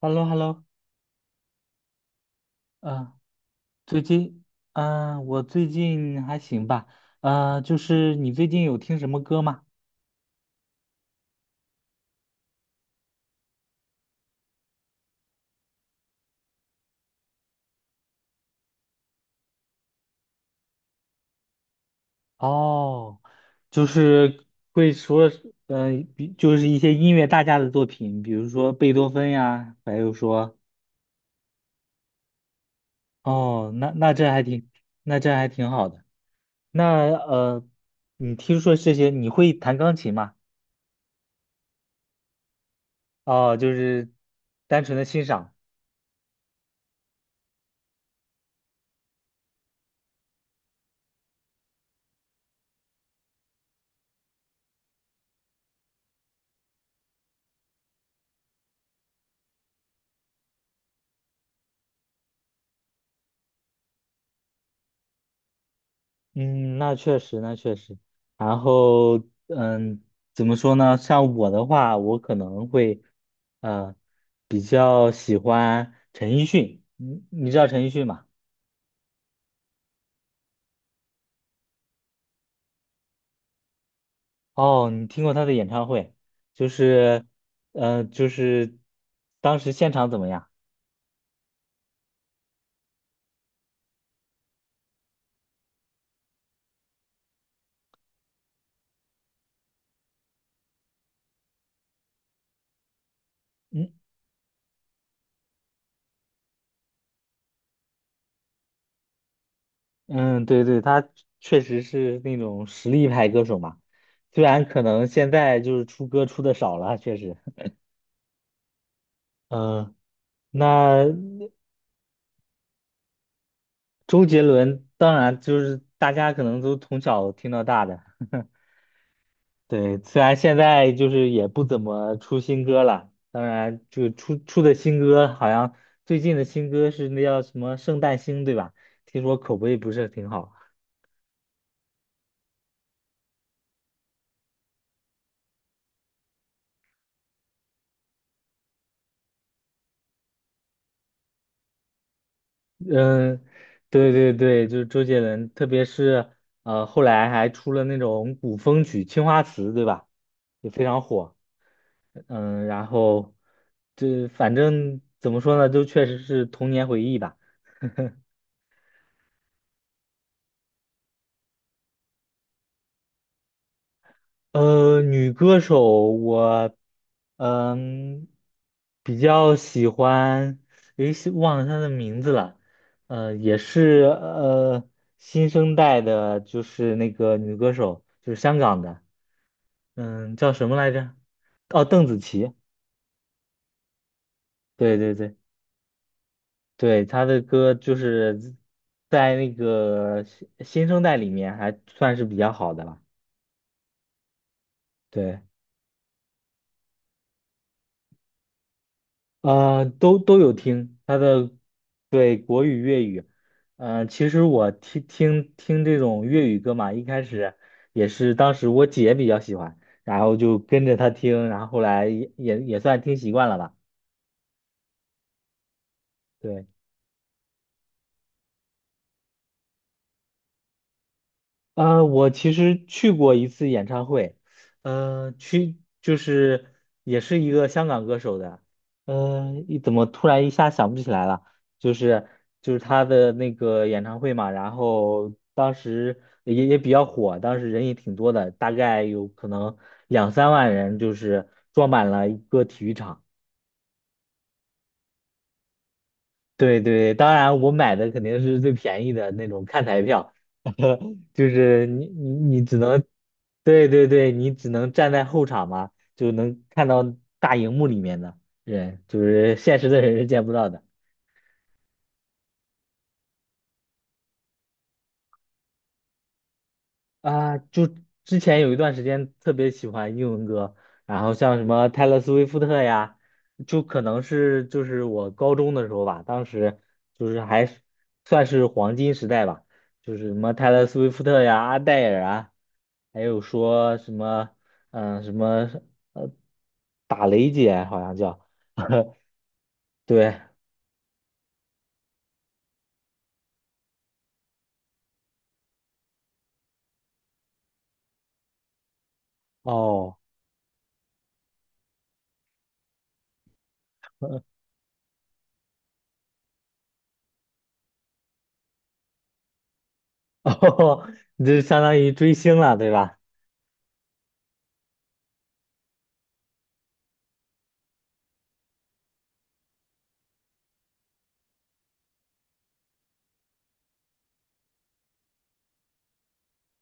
hello hello 啊，最近，嗯、我最近还行吧。就是你最近有听什么歌吗？哦，就是会说，呃，就是一些音乐大家的作品，比如说贝多芬呀，还有说，哦，那这还挺，那这还挺好的。那你听说这些，你会弹钢琴吗？哦，就是单纯的欣赏。嗯，那确实，那确实。然后，嗯，怎么说呢？像我的话，我可能会，嗯，比较喜欢陈奕迅。你知道陈奕迅吗？哦，你听过他的演唱会？就是，就是当时现场怎么样？嗯嗯，对对，他确实是那种实力派歌手嘛。虽然可能现在就是出歌出的少了，确实。嗯。那周杰伦当然就是大家可能都从小听到大的，对，虽然现在就是也不怎么出新歌了，当然就出的新歌好像最近的新歌是那叫什么《圣诞星》对吧？听说口碑不是挺好。嗯，对对对，就是周杰伦，特别是后来还出了那种古风曲《青花瓷》对吧？也非常火。然后这反正怎么说呢，就确实是童年回忆吧。女歌手我，嗯，比较喜欢，诶，是忘了她的名字了。也是新生代的，就是那个女歌手，就是香港的，叫什么来着？哦，邓紫棋，对对对对，她的歌就是在那个新生代里面还算是比较好的了，对。都有听他的，对，国语、粤语。其实我听这种粤语歌嘛，一开始也是当时我姐比较喜欢，然后就跟着她听，然后后来也算听习惯了吧。对。我其实去过一次演唱会，就是也是一个香港歌手的，怎么突然一下想不起来了？就是就是他的那个演唱会嘛，然后当时也比较火，当时人也挺多的，大概有可能2、3万人，就是装满了一个体育场。对对，当然我买的肯定是最便宜的那种看台票，就是你只能，对对对，你只能站在后场嘛，就能看到大荧幕里面的人，就是现实的人是见不到的。啊，就之前有一段时间特别喜欢英文歌，然后像什么泰勒·斯威夫特呀，就可能是就是我高中的时候吧，当时就是还是算是黄金时代吧，就是什么泰勒·斯威夫特呀、阿黛尔啊，还有说什么嗯、呃什么呃打雷姐好像叫。对哦 哦，你这相当于追星了对吧？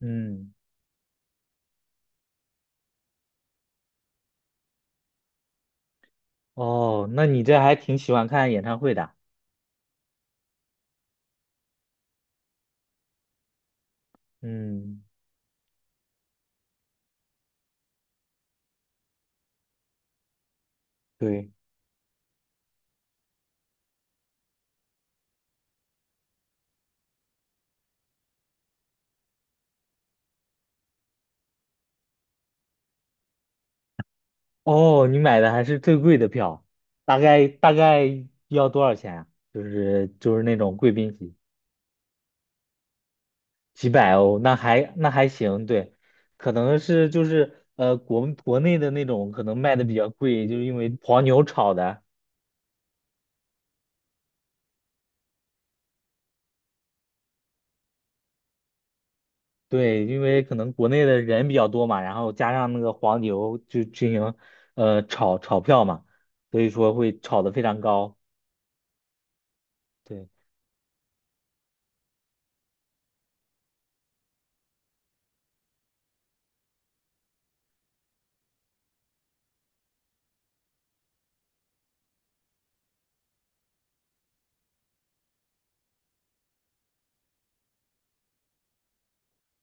嗯。哦，那你这还挺喜欢看演唱会的。嗯，对。哦，你买的还是最贵的票，大概要多少钱啊？就是那种贵宾席，几百欧，那还行，对，可能是就是国内的那种可能卖的比较贵，就是因为黄牛炒的，对，因为可能国内的人比较多嘛，然后加上那个黄牛就进行炒票嘛，所以说会炒得非常高，对。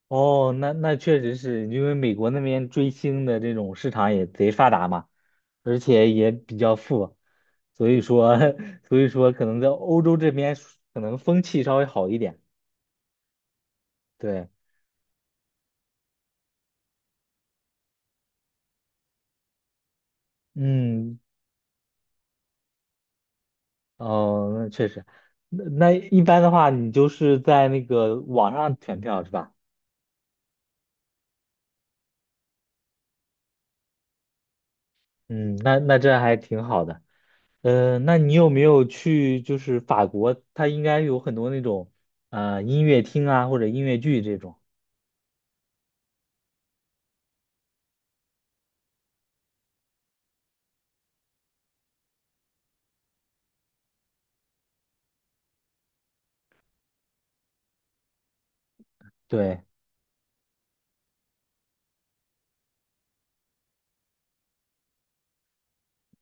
哦，那那确实是因为美国那边追星的这种市场也贼发达嘛，而且也比较富，所以说 所以说可能在欧洲这边可能风气稍微好一点。对，嗯，哦，那确实。那一般的话，你就是在那个网上选票是吧？嗯，那那这还挺好的。那你有没有去就是法国？它应该有很多那种音乐厅啊或者音乐剧这种。对。《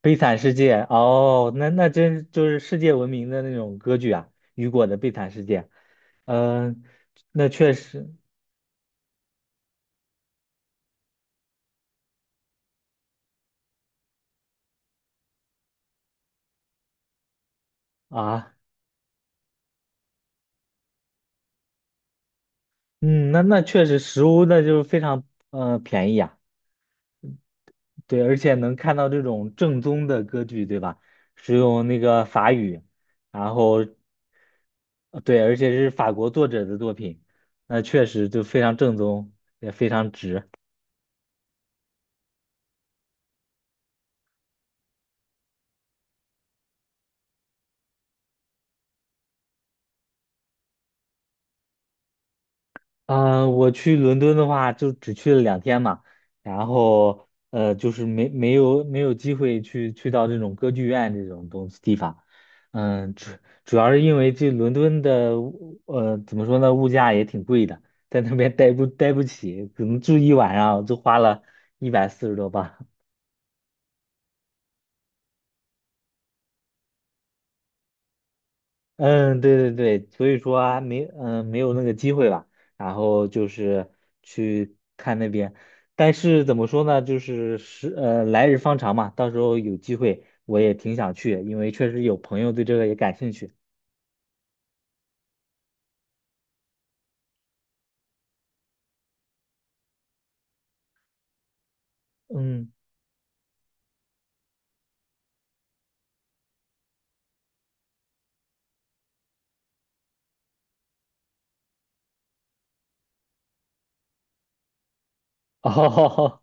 悲惨世界》哦，那那真就是世界闻名的那种歌剧啊，雨果的《悲惨世界》。嗯。那确实啊。嗯，那确实实物那就是非常便宜啊，对，而且能看到这种正宗的歌剧，对吧？使用那个法语，然后对，而且是法国作者的作品，那确实就非常正宗，也非常值。嗯，我去伦敦的话，就只去了2天嘛，然后就是没有机会去到这种歌剧院这种东西地方，嗯，主要是因为这伦敦的怎么说呢，物价也挺贵的，在那边待不起，可能住一晚上就花了140多镑。嗯，对对对，所以说还没嗯没有那个机会吧，然后就是去看那边，但是怎么说呢，就是是来日方长嘛，到时候有机会我也挺想去，因为确实有朋友对这个也感兴趣。嗯，哦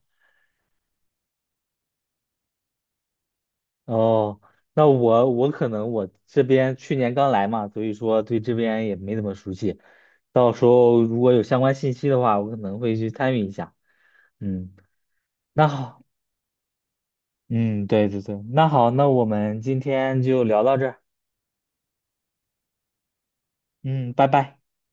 哦，那我可能我这边去年刚来嘛，所以说对这边也没怎么熟悉，到时候如果有相关信息的话，我可能会去参与一下。嗯，那好。嗯，对对对，那好，那我们今天就聊到这儿。嗯，拜拜。